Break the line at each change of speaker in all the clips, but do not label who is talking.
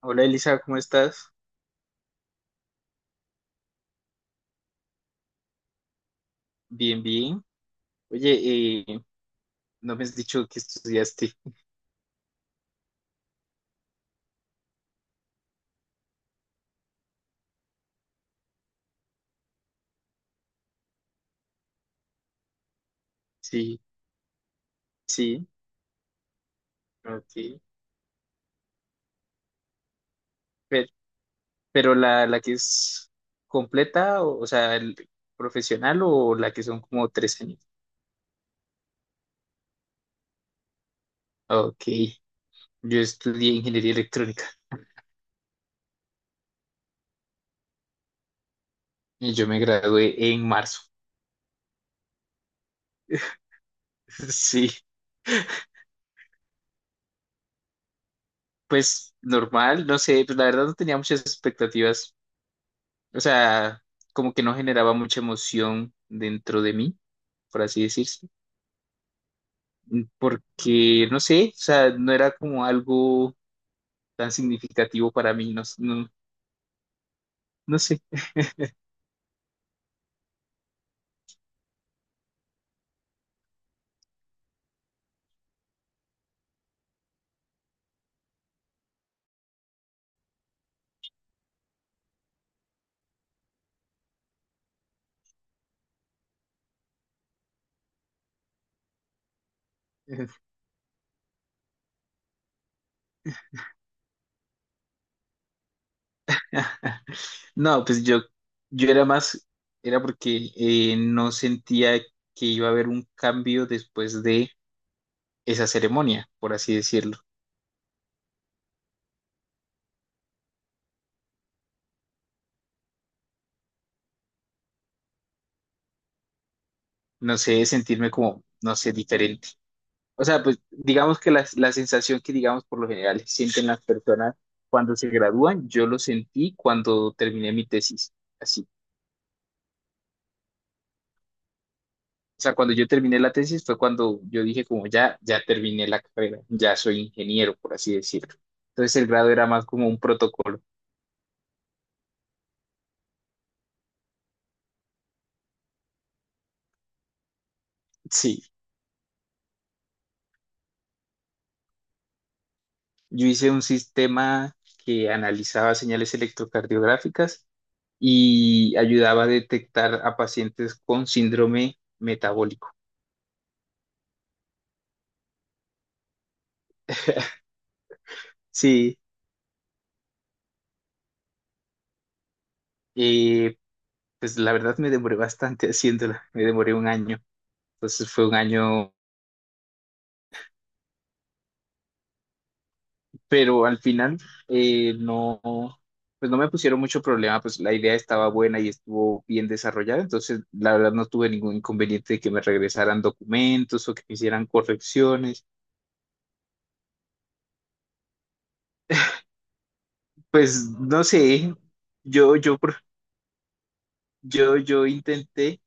Hola Elisa, ¿cómo estás? Bien, bien. Oye, no me has dicho que estudiaste. Sí, sí, ok. Pero, pero la que es completa, o sea, el profesional o la que son como 3 años. Ok, yo estudié ingeniería electrónica y yo me gradué en marzo. Sí, pues normal, no sé, pues la verdad no tenía muchas expectativas, o sea, como que no generaba mucha emoción dentro de mí, por así decir. Porque no sé, o sea, no era como algo tan significativo para mí, no, no, no sé. No, pues yo era más, era porque no sentía que iba a haber un cambio después de esa ceremonia, por así decirlo. No sé, sentirme como, no sé, diferente. O sea, pues digamos que la sensación que, digamos, por lo general sienten las personas cuando se gradúan, yo lo sentí cuando terminé mi tesis. Así. O sea, cuando yo terminé la tesis fue cuando yo dije como ya, ya terminé la carrera, ya soy ingeniero, por así decirlo. Entonces el grado era más como un protocolo. Sí, yo hice un sistema que analizaba señales electrocardiográficas y ayudaba a detectar a pacientes con síndrome metabólico. Sí, eh, pues la verdad me demoré bastante haciéndola, me demoré un año. Entonces fue un año, pero al final no, pues no me pusieron mucho problema, pues la idea estaba buena y estuvo bien desarrollada, entonces la verdad no tuve ningún inconveniente de que me regresaran documentos o que me hicieran correcciones, pues no sé, yo, yo, por- yo intenté,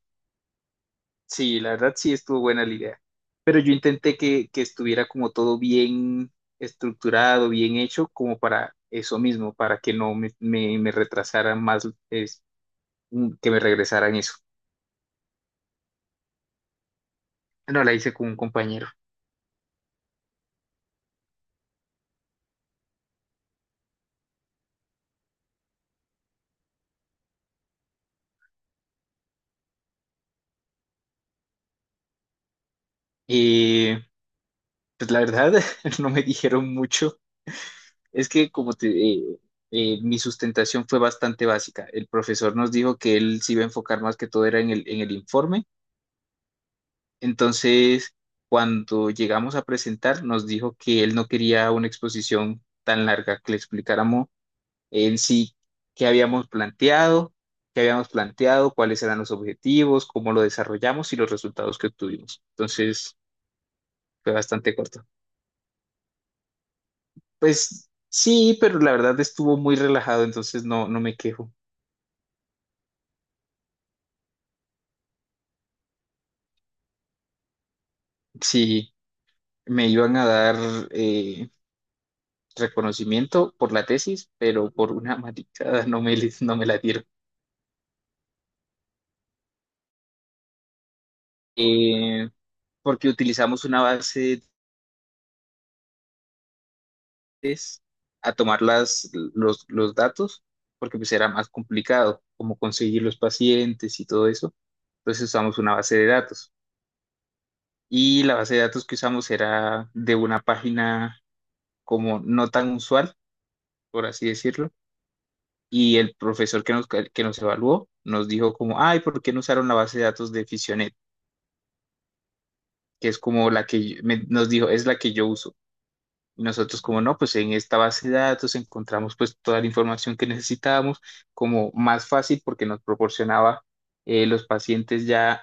sí, la verdad sí estuvo buena la idea, pero yo intenté que estuviera como todo bien estructurado, bien hecho, como para eso mismo, para que no me retrasaran más, que me regresaran eso. No, la hice con un compañero. Y pues la verdad, no me dijeron mucho. Es que mi sustentación fue bastante básica. El profesor nos dijo que él se iba a enfocar más que todo era en el informe. Entonces, cuando llegamos a presentar, nos dijo que él no quería una exposición tan larga, que le explicáramos en sí qué habíamos planteado, qué habíamos planteado, cuáles eran los objetivos, cómo lo desarrollamos y los resultados que obtuvimos. Entonces, fue bastante corto. Pues sí, pero la verdad estuvo muy relajado, entonces no, no me quejo. Sí, me iban a dar eh, reconocimiento por la tesis, pero por una maticada no me la dieron. Eh, Porque utilizamos una base de test a tomar los datos, porque pues era más complicado como conseguir los pacientes y todo eso. Entonces usamos una base de datos. Y la base de datos que usamos era de una página como no tan usual por así decirlo, y el profesor que nos evaluó nos dijo como, ay, ¿por qué no usaron la base de datos de Fisionet? Que es como la que nos dijo, es la que yo uso. Y nosotros como, no, pues en esta base de datos encontramos pues toda la información que necesitábamos como más fácil porque nos proporcionaba los pacientes ya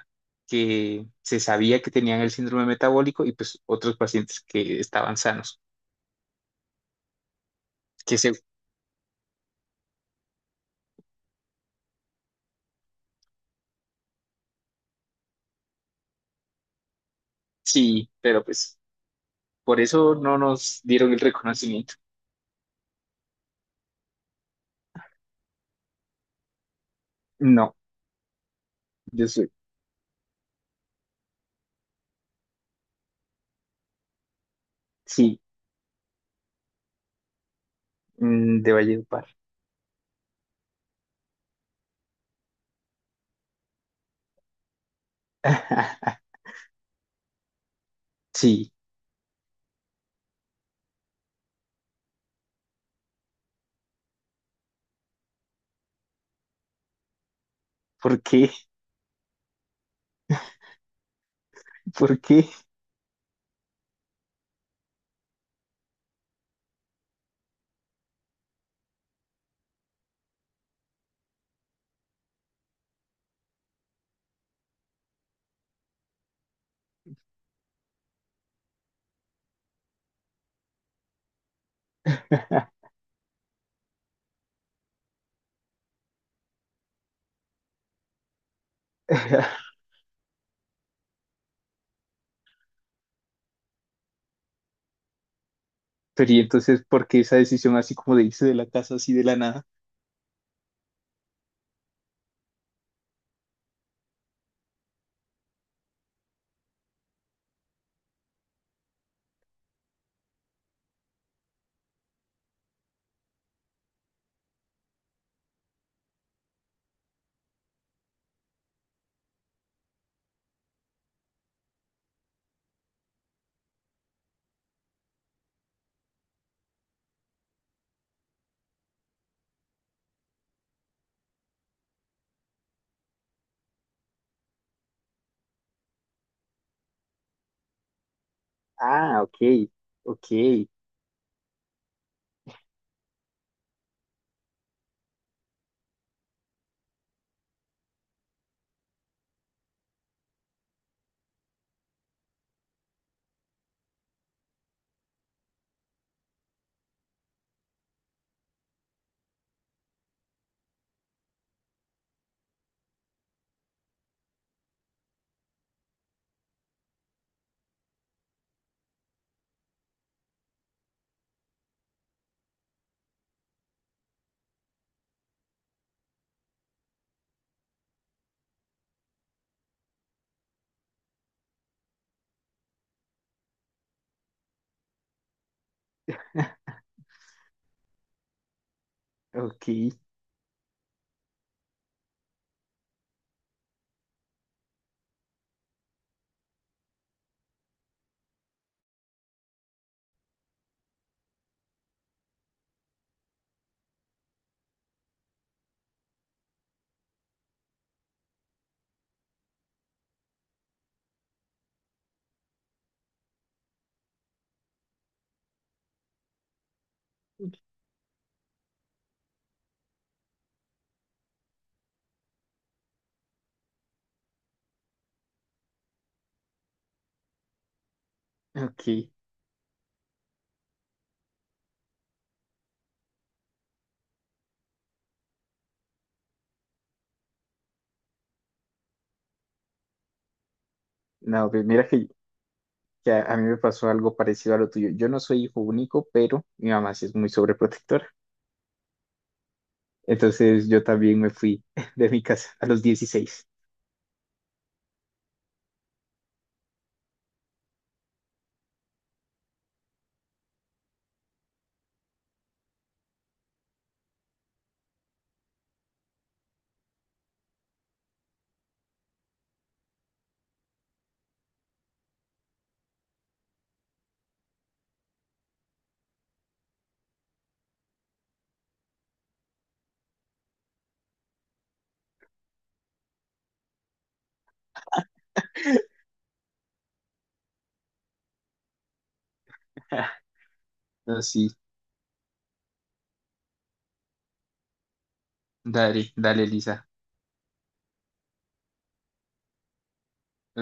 que se sabía que tenían el síndrome metabólico y pues otros pacientes que estaban sanos. Que se, sí, pero pues por eso no nos dieron el reconocimiento. No, yo soy. Sí, de Valledupar. Sí, ¿por qué? ¿Por qué? Pero y entonces, ¿por qué esa decisión así como de irse de la casa así de la nada? Ah, ok, ok, ok, ok. No, pues mira que a mí me pasó algo parecido a lo tuyo. Yo no soy hijo único, pero mi mamá sí es muy sobreprotectora. Entonces yo también me fui de mi casa a los 16. No, sí, dale, dale, Lisa.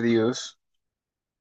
Adiós.